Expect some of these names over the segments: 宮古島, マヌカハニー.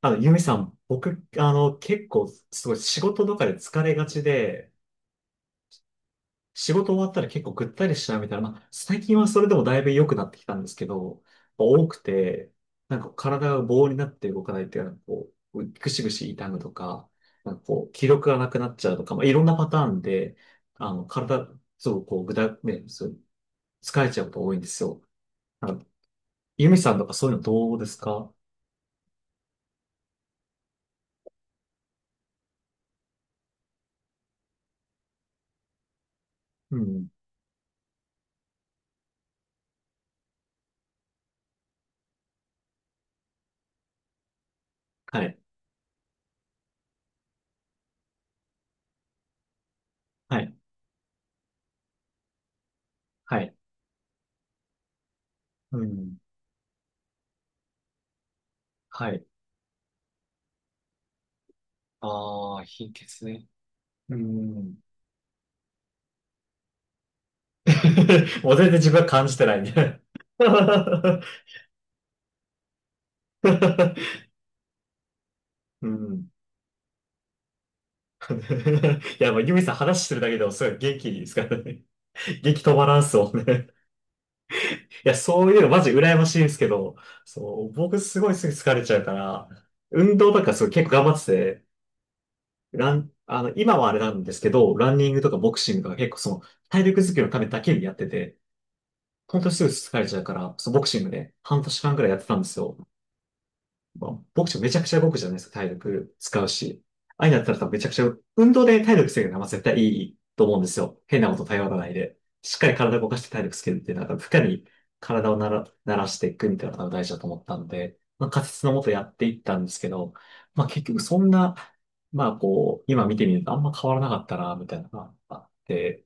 ゆみさん、僕、結構、すごい仕事とかで疲れがちで、仕事終わったら結構ぐったりしちゃうみたいな、まあ、最近はそれでもだいぶ良くなってきたんですけど、多くて、なんか体が棒になって動かないっていうのは、こう、ぐしぐし痛むとか、なんかこう、気力がなくなっちゃうとか、まあ、いろんなパターンで、体、そう、こう、ね、そう、疲れちゃうこと多いんですよ。あの、ゆみさんとかそういうのどうですか？うん。はい。はい。はい。うん。はい。ああ、貧血ね。うーん。もう全然自分は感じてないね。うん。いや、もうユミさん話してるだけでもすごい元気ですからね。元気止まらんっすもんね。いや、そういうのマジ羨ましいんですけど、そう、僕すごいすぐ疲れちゃうから、運動とかすごい結構頑張ってて、今はあれなんですけど、ランニングとかボクシングとか結構その体力づくりのためだけにやってて、本当にすぐ疲れちゃうから、そう、ボクシングで半年間くらいやってたんですよ。まあ、ボクシングめちゃくちゃ動くじゃないですか、体力使うし。ああいうのやったら多分めちゃくちゃ、運動で体力つけるのは絶対いいと思うんですよ。変なこと頼らないで。しっかり体を動かして体力つけるっていうのは、負荷に体を慣らしていくみたいなのが大事だと思ったんで、まあ、仮説のもとやっていったんですけど、まあ結局そんな、まあこう、今見てみるとあんま変わらなかったな、みたいなのがあって、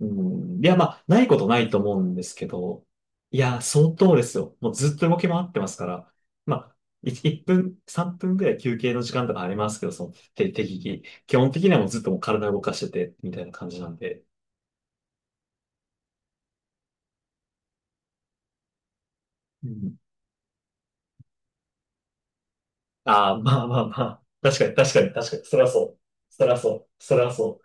うん。いや、まあ、ないことないと思うんですけど、いや、相当ですよ。もうずっと動き回ってますから、まあ、1分、3分ぐらい休憩の時間とかありますけど、その、適宜。基本的にはもうずっともう体動かしてて、みたいな感じなんで。うん。ああ、まあまあまあ。確かに、確かに、確かに。そりゃそう。そりゃそう。そりゃそう。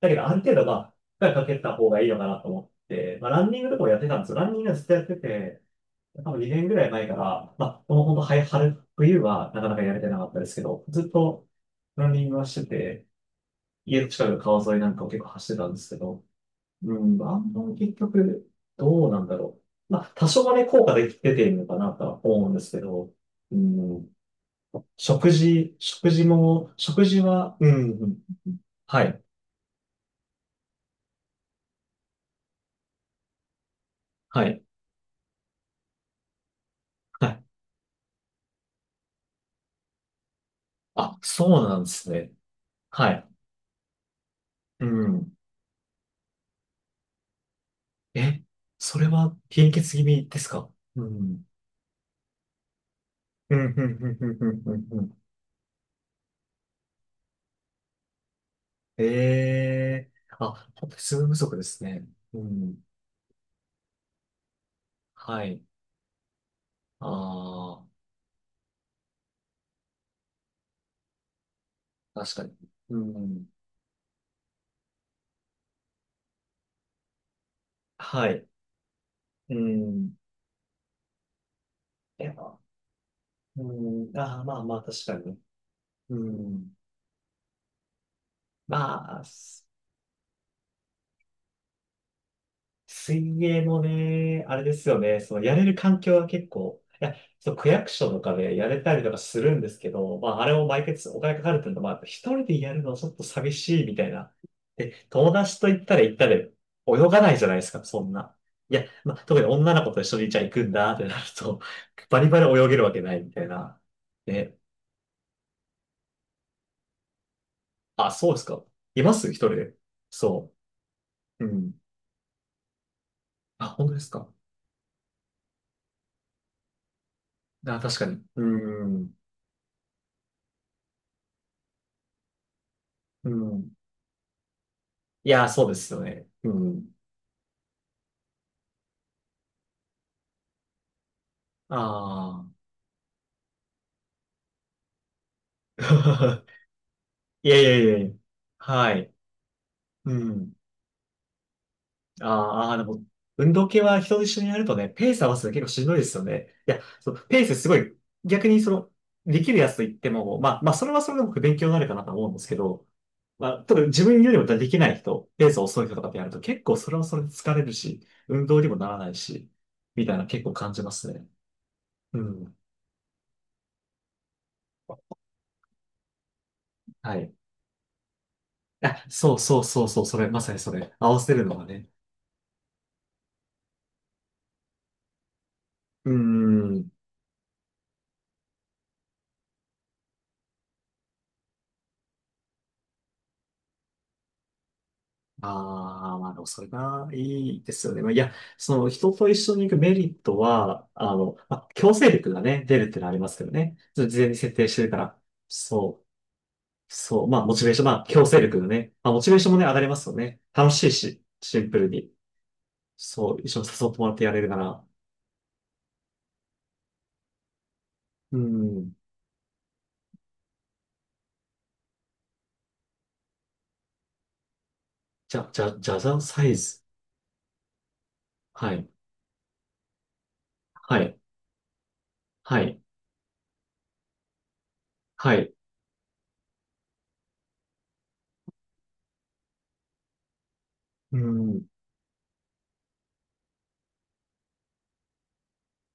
だけど、ある程度、まあ、負荷かけた方がいいのかなと思って、まあ、ランニングとかもやってたんですよ。ランニングはずっとやってて、多分2年ぐらい前から、まあ、この本当、はい、春、冬はなかなかやれてなかったですけど、ずっとランニングはしてて、家の近くの川沿いなんかを結構走ってたんですけど、うん、あんまり結局、どうなんだろう。まあ、多少はね、効果で出ているのかなとは思うんですけど、うん、食事は、うん、うんはい、はい、はい。あ、そうなんですね。はい。うん。え、それは貧血気味ですか？うん。うん、うん、うん、うん、うん、うんうん。ええあ、本当に睡眠不足ですね。うん。はい。ああ、確かに。うん。はい。うん。やっぱ、うん。ああ、まあまあ、確かに。うん。まあ、水泳もね、あれですよね。そのやれる環境は結構、いや、そう、区役所とかでやれたりとかするんですけど、まあ、あれも毎月お金かかるっていうのは、まあ、一人でやるのはちょっと寂しいみたいな。で、友達と行ったら行ったで、泳がないじゃないですか、そんな。いや、まあ、特に女の子と一緒にじゃあ行くんだってなると、バリバリ泳げるわけないみたいな。ね、あ、そうですか。います一人で。そう。うん。あ、本当ですか。あ、確かに。うん。うん。いや、そうですよね。うん。ああ。いやいやいやいや。はい。うん。あーあー、でも、運動系は人と一緒にやるとね、ペース合わせるの結構しんどいですよね。いや、そう、ペースすごい、逆にその、できるやつと言っても、まあ、それはそれでも勉強になるかなと思うんですけど、まあ、ただ自分よりもできない人、ペース遅い人とかでやると結構それはそれで疲れるし、運動にもならないし、みたいな結構感じますね。うん。はい。あ、そうそうそうそう、それ、まさにそれ、合わせるのがね。うーん。ああ、まあでもそれがいいですよね。まあ、いや、その人と一緒に行くメリットは、まあ、強制力がね、出るっていうのはありますけどね。それ事前に設定してるから。そう、そう。まあ、モチベーション、まあ、強制力のね。まあ、モチベーションもね、上がりますよね。楽しいし、シンプルに。そう、一緒に誘ってもらってやれるなら。うん。じゃじゃんサイズ。はい、はい、はい、はい。うーん、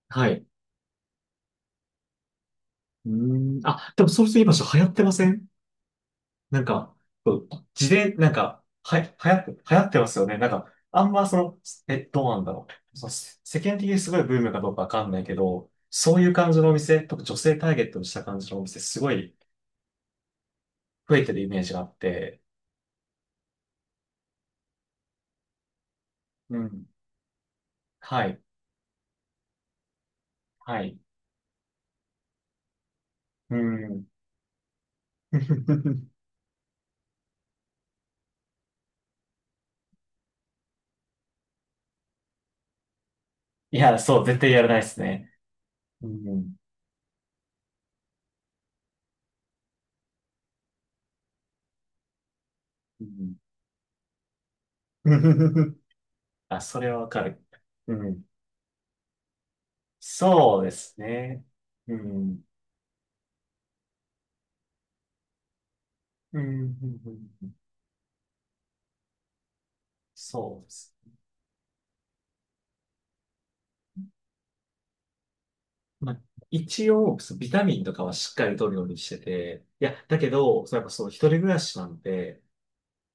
はい。うん。あ、でもそれと今ちょっと流行ってません？なんか、こう自伝、なんか、流行ってますよね。なんか、あんまその、え、どうなんだろう。その、世世間的にすごいブームかどうかわかんないけど、そういう感じのお店、特に女性ターゲットにした感じのお店、すごい増えてるイメージがあって、うん。はい、はい、うん。いや、そう、絶対やらないですね。うん。うん。あ、それはわかる。うん。そうですね。うん。うん。うんうんそうです。まあ、一応、そうビタミンとかはしっかり取るようにしてて、いや、だけど、そうやっぱそう、一人暮らしなんで、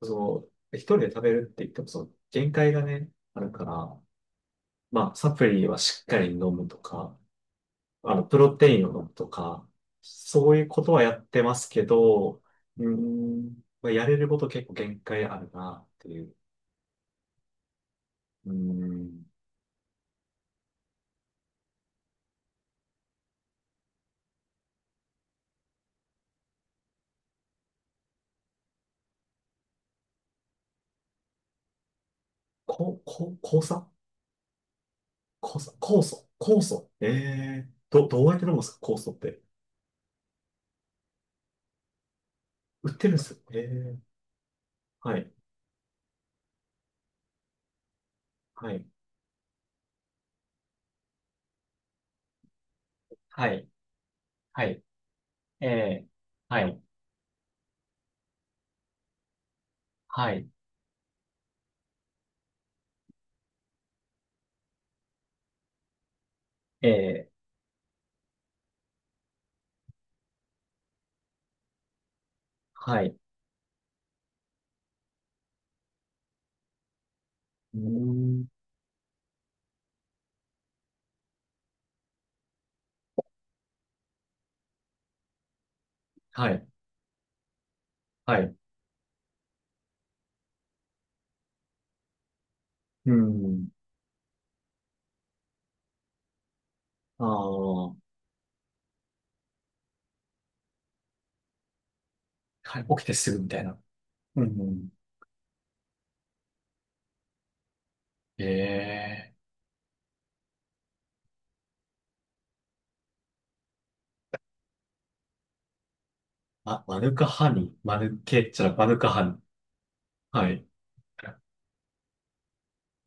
そう、一人で食べるって言っても、そう、限界がね、あるから、まあ、サプリはしっかり飲むとか、プロテインを飲むとか、そういうことはやってますけど、うーん、まあ、やれること結構限界あるな、っていう。うーん、酵素酵素酵素酵素ええー、どうやって飲むんですか酵素って？売ってるんですよ。ええはい、はい、はい、はい、えー、はい、はい、えー、はい、うーん、はい、はい、うーん、ああ、はい、起きてすぐみたいな。うん、ええー、あ、マヌカハニー、マヌケっゃマヌカハニー。はい、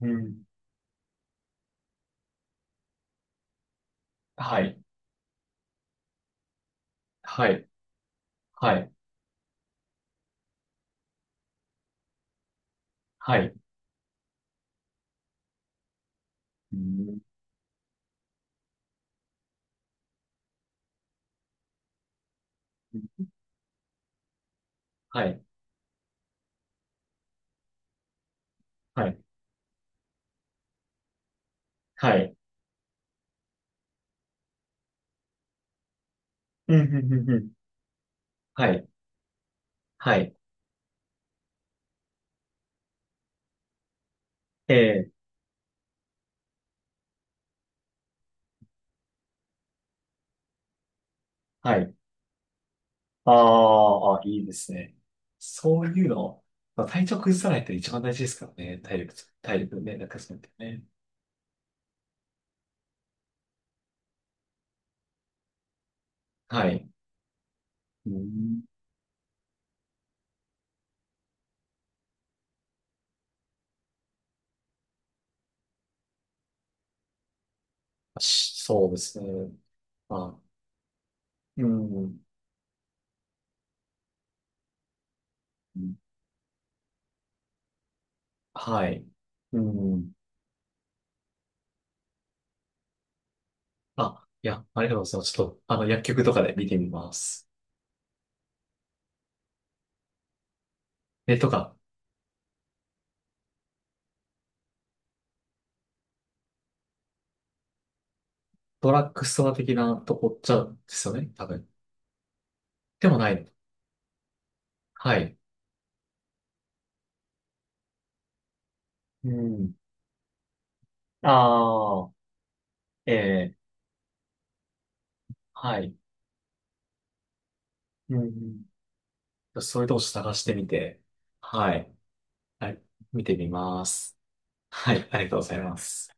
うん、はい、はい、はい、はい、うん、はい、はい、はい、うん、うん、うん、うんはい、はい、えー、はい。ああ、いいですね。そういうの、まあ、体調崩さないって一番大事ですからね。体力ね、なんかそうやってね。はい。うん、そうですね。まあ、うん。はい。うん。あ、いや、ありがとうございます。ちょっと、薬局とかで見てみます。え、とか、ドラッグストア的なとこっちゃですよね、多分。でもないの。はい。うん。ああ、ええはい。うん。そういうとこ探してみて、はい、はい、見てみます。はい、ありがとうございます。